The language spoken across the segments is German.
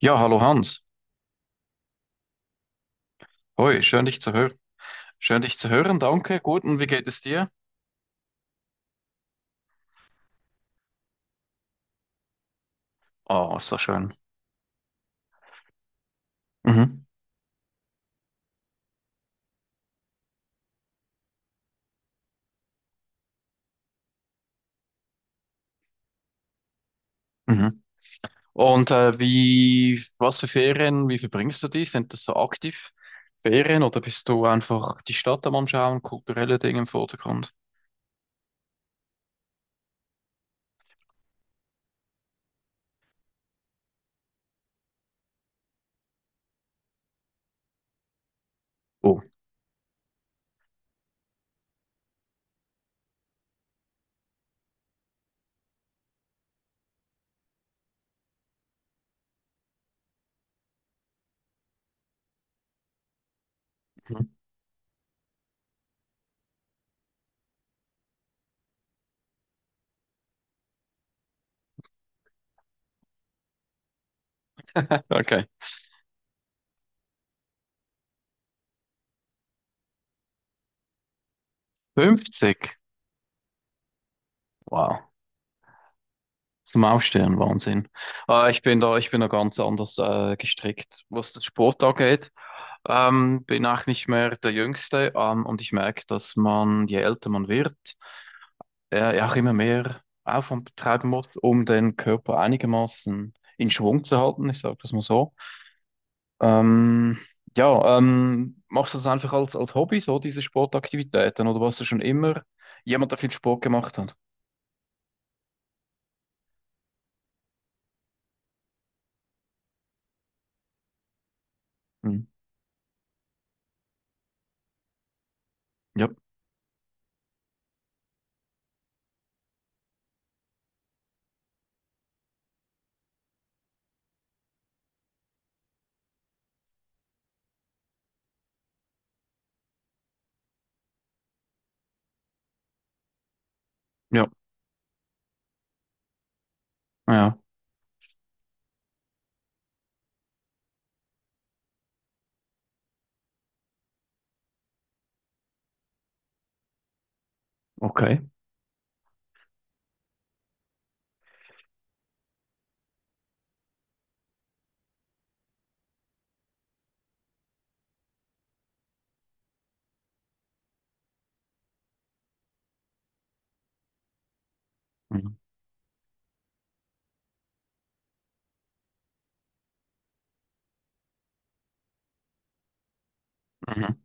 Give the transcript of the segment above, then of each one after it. Ja, hallo Hans. Hoi, schön dich zu hören. Schön dich zu hören, danke. Gut, und wie geht es dir? Oh, so schön. Mhm. Mhm. Und wie, was für Ferien, wie verbringst du die? Sind das so aktiv Ferien oder bist du einfach die Stadt am Anschauen, kulturelle Dinge im Vordergrund? Oh, mhm. Okay. 50. Wow. Zum Aufstehen, Wahnsinn. Ich bin da ganz anders gestrickt, was das Sport angeht. Bin auch nicht mehr der Jüngste, und ich merke, dass man, je älter man wird, ja, auch immer mehr Aufwand betreiben muss, um den Körper einigermaßen in Schwung zu halten. Ich sage das mal so. Ähm, ja, Machst du das einfach als, als Hobby, so diese Sportaktivitäten, oder warst du schon immer jemand, der viel Sport gemacht hat? Hm. Ja, ja, ja, okay. Mhm. Mhm.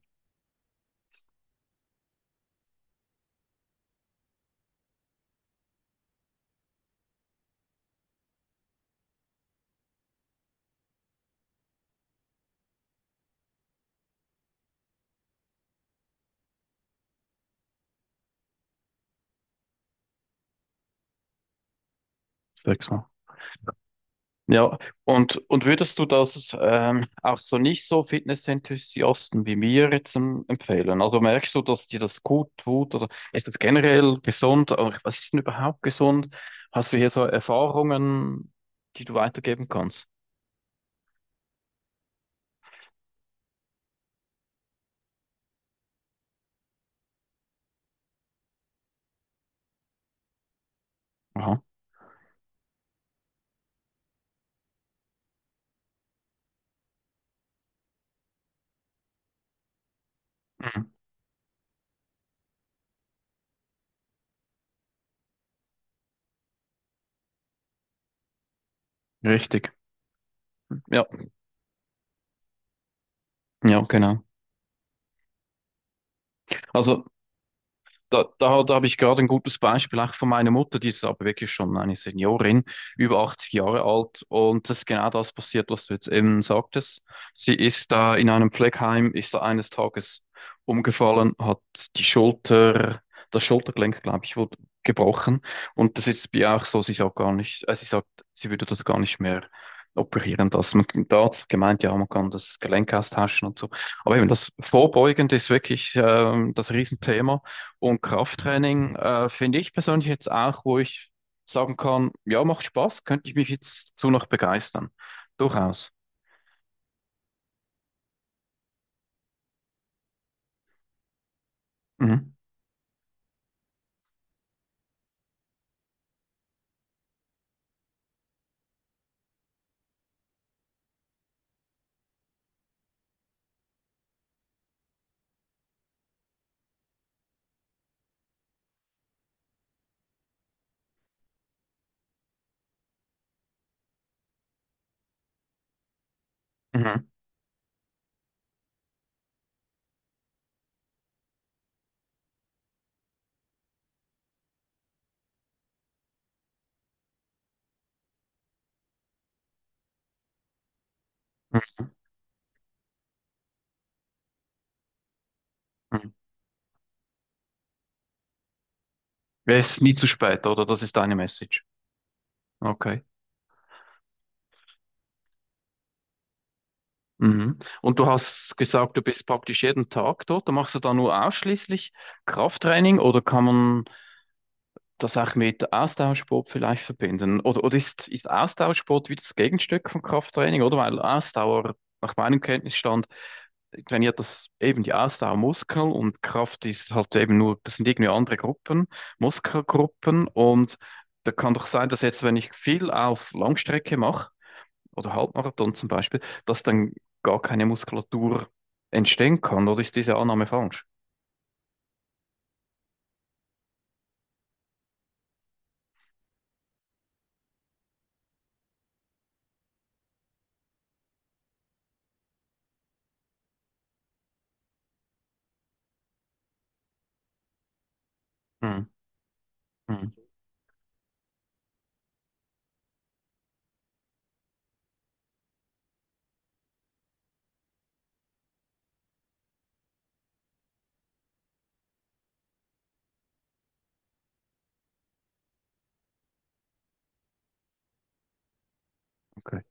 Sechsmal. Ja, und würdest du das auch so nicht so Fitness-Enthusiasten wie mir jetzt empfehlen? Also merkst du, dass dir das gut tut oder ist das generell gesund? Oder was ist denn überhaupt gesund? Hast du hier so Erfahrungen, die du weitergeben kannst? Aha. Mhm. Richtig. Ja, ja, genau. Also Da habe ich gerade ein gutes Beispiel auch von meiner Mutter, die ist aber wirklich schon eine Seniorin, über 80 Jahre alt. Und das ist genau das passiert, was du jetzt eben sagtest. Sie ist da in einem Pflegeheim, ist da eines Tages umgefallen, hat die Schulter, das Schultergelenk, glaube ich, wurde gebrochen. Und das ist bei ihr auch so, sie sagt gar nicht, sie sagt, sie würde das gar nicht mehr operieren lassen. Man, der Arzt hat gemeint, ja, man kann das Gelenk austauschen und so. Aber eben das Vorbeugende ist wirklich das Riesenthema. Und Krafttraining finde ich persönlich jetzt auch, wo ich sagen kann, ja, macht Spaß, könnte ich mich jetzt zu noch begeistern. Durchaus. Mhm. Mhm. Mhm. Ja, es ist nie zu spät, oder? Das ist deine Message. Okay. Mhm. Und du hast gesagt, du bist praktisch jeden Tag dort. Machst du da nur ausschließlich Krafttraining oder kann man das auch mit Ausdauersport vielleicht verbinden? Oder ist, ist Ausdauersport wieder das Gegenstück von Krafttraining? Oder weil Ausdauer nach meinem Kenntnisstand trainiert das eben die Ausdauermuskeln und Kraft ist halt eben nur, das sind irgendwie andere Gruppen, Muskelgruppen und da kann doch sein, dass jetzt, wenn ich viel auf Langstrecke mache oder Halbmarathon zum Beispiel, dass dann gar keine Muskulatur entstehen kann oder ist diese Annahme falsch? Hm. Hm. Okay.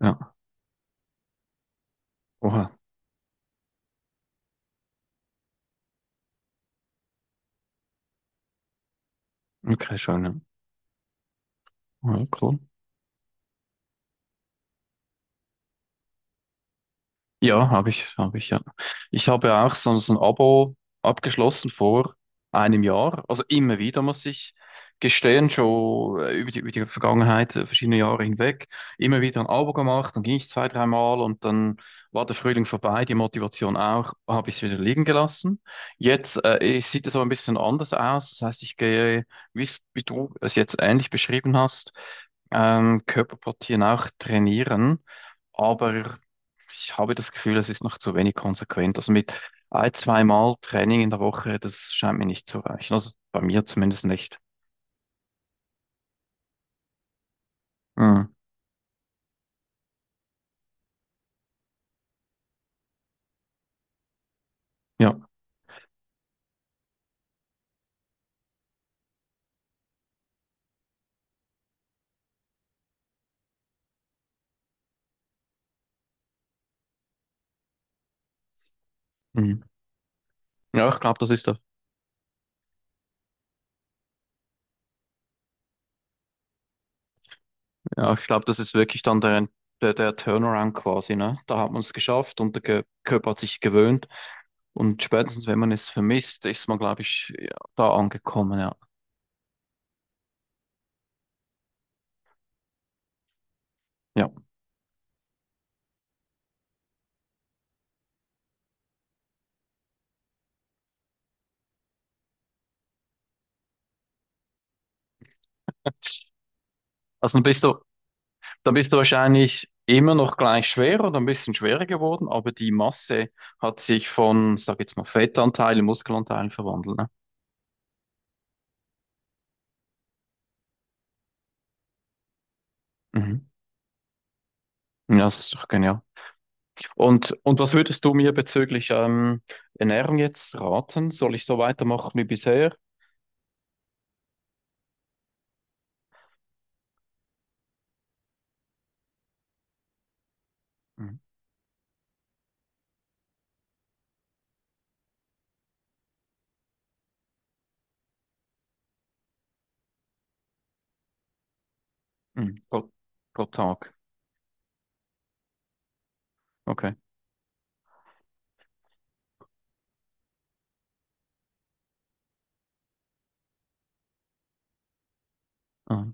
Ja, oha, okay, schon. Ja, ja, cool. Ja, habe ich, ja. Ich habe ja auch so ein Abo abgeschlossen vor 1 Jahr. Also immer wieder, muss ich gestehen, schon über die Vergangenheit, verschiedene Jahre hinweg, immer wieder ein Abo gemacht, dann ging ich zwei, dreimal und dann war der Frühling vorbei, die Motivation auch, habe ich es wieder liegen gelassen. Jetzt sieht es aber ein bisschen anders aus. Das heißt, ich gehe, wie du es jetzt ähnlich beschrieben hast, Körperpartien auch trainieren. Aber ich habe das Gefühl, es ist noch zu wenig konsequent. Also mit ein, zweimal Training in der Woche, das scheint mir nicht zu reichen. Also bei mir zumindest nicht. Mhm. Ja. Mhm. Ja, ich glaube, das ist der, ja, ich glaube, das ist wirklich dann der, der Turnaround quasi, ne? Da hat man es geschafft und der Körper hat sich gewöhnt. Und spätestens, wenn man es vermisst, ist man, glaube ich, ja, da angekommen, ja. Ja. Also dann bist du, Dann bist du wahrscheinlich immer noch gleich schwer oder ein bisschen schwerer geworden, aber die Masse hat sich von, sag jetzt mal, Fettanteil in Muskelanteil verwandelt, ne? Mhm. Ja, das ist doch genial. Und was würdest du mir bezüglich Ernährung jetzt raten? Soll ich so weitermachen wie bisher? Mhm. Mhm. Pro, pro Tag. Okay. Ah,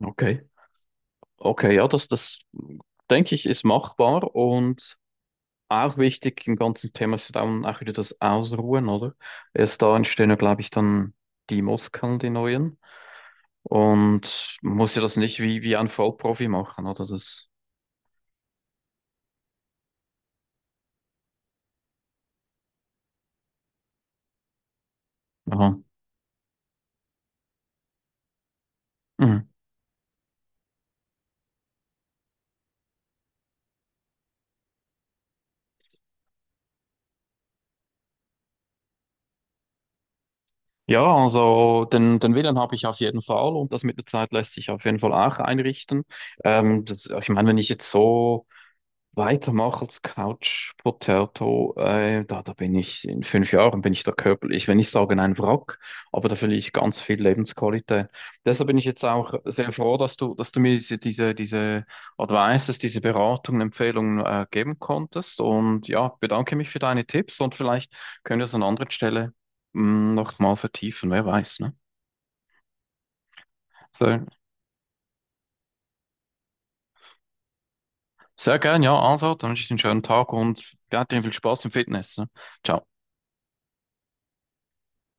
okay. Okay, ja, das denke ich, ist machbar und auch wichtig im ganzen Thema ist ja dann auch wieder das Ausruhen, oder? Erst da entstehen ja, glaube ich, dann die Muskeln, die neuen. Und man muss ja das nicht wie, wie ein Vollprofi machen, oder? Das, aha. Mhm. Ja, also den, den Willen habe ich auf jeden Fall und das mit der Zeit lässt sich auf jeden Fall auch einrichten. Das, ich meine, wenn ich jetzt so weitermache als Couch Potato, da bin ich in 5 Jahren, bin ich da körperlich, wenn ich sage, ein Wrack, aber da verliere ich ganz viel Lebensqualität. Deshalb bin ich jetzt auch sehr froh, dass du mir diese Advices, diese Beratungen, Empfehlungen geben konntest. Und ja, bedanke mich für deine Tipps und vielleicht können wir es an anderen Stelle noch mal vertiefen, wer weiß, ne? So, sehr gern, ja, also, dann wünsche ich dir einen schönen Tag und ja, dir viel Spaß im Fitness. Ne? Ciao.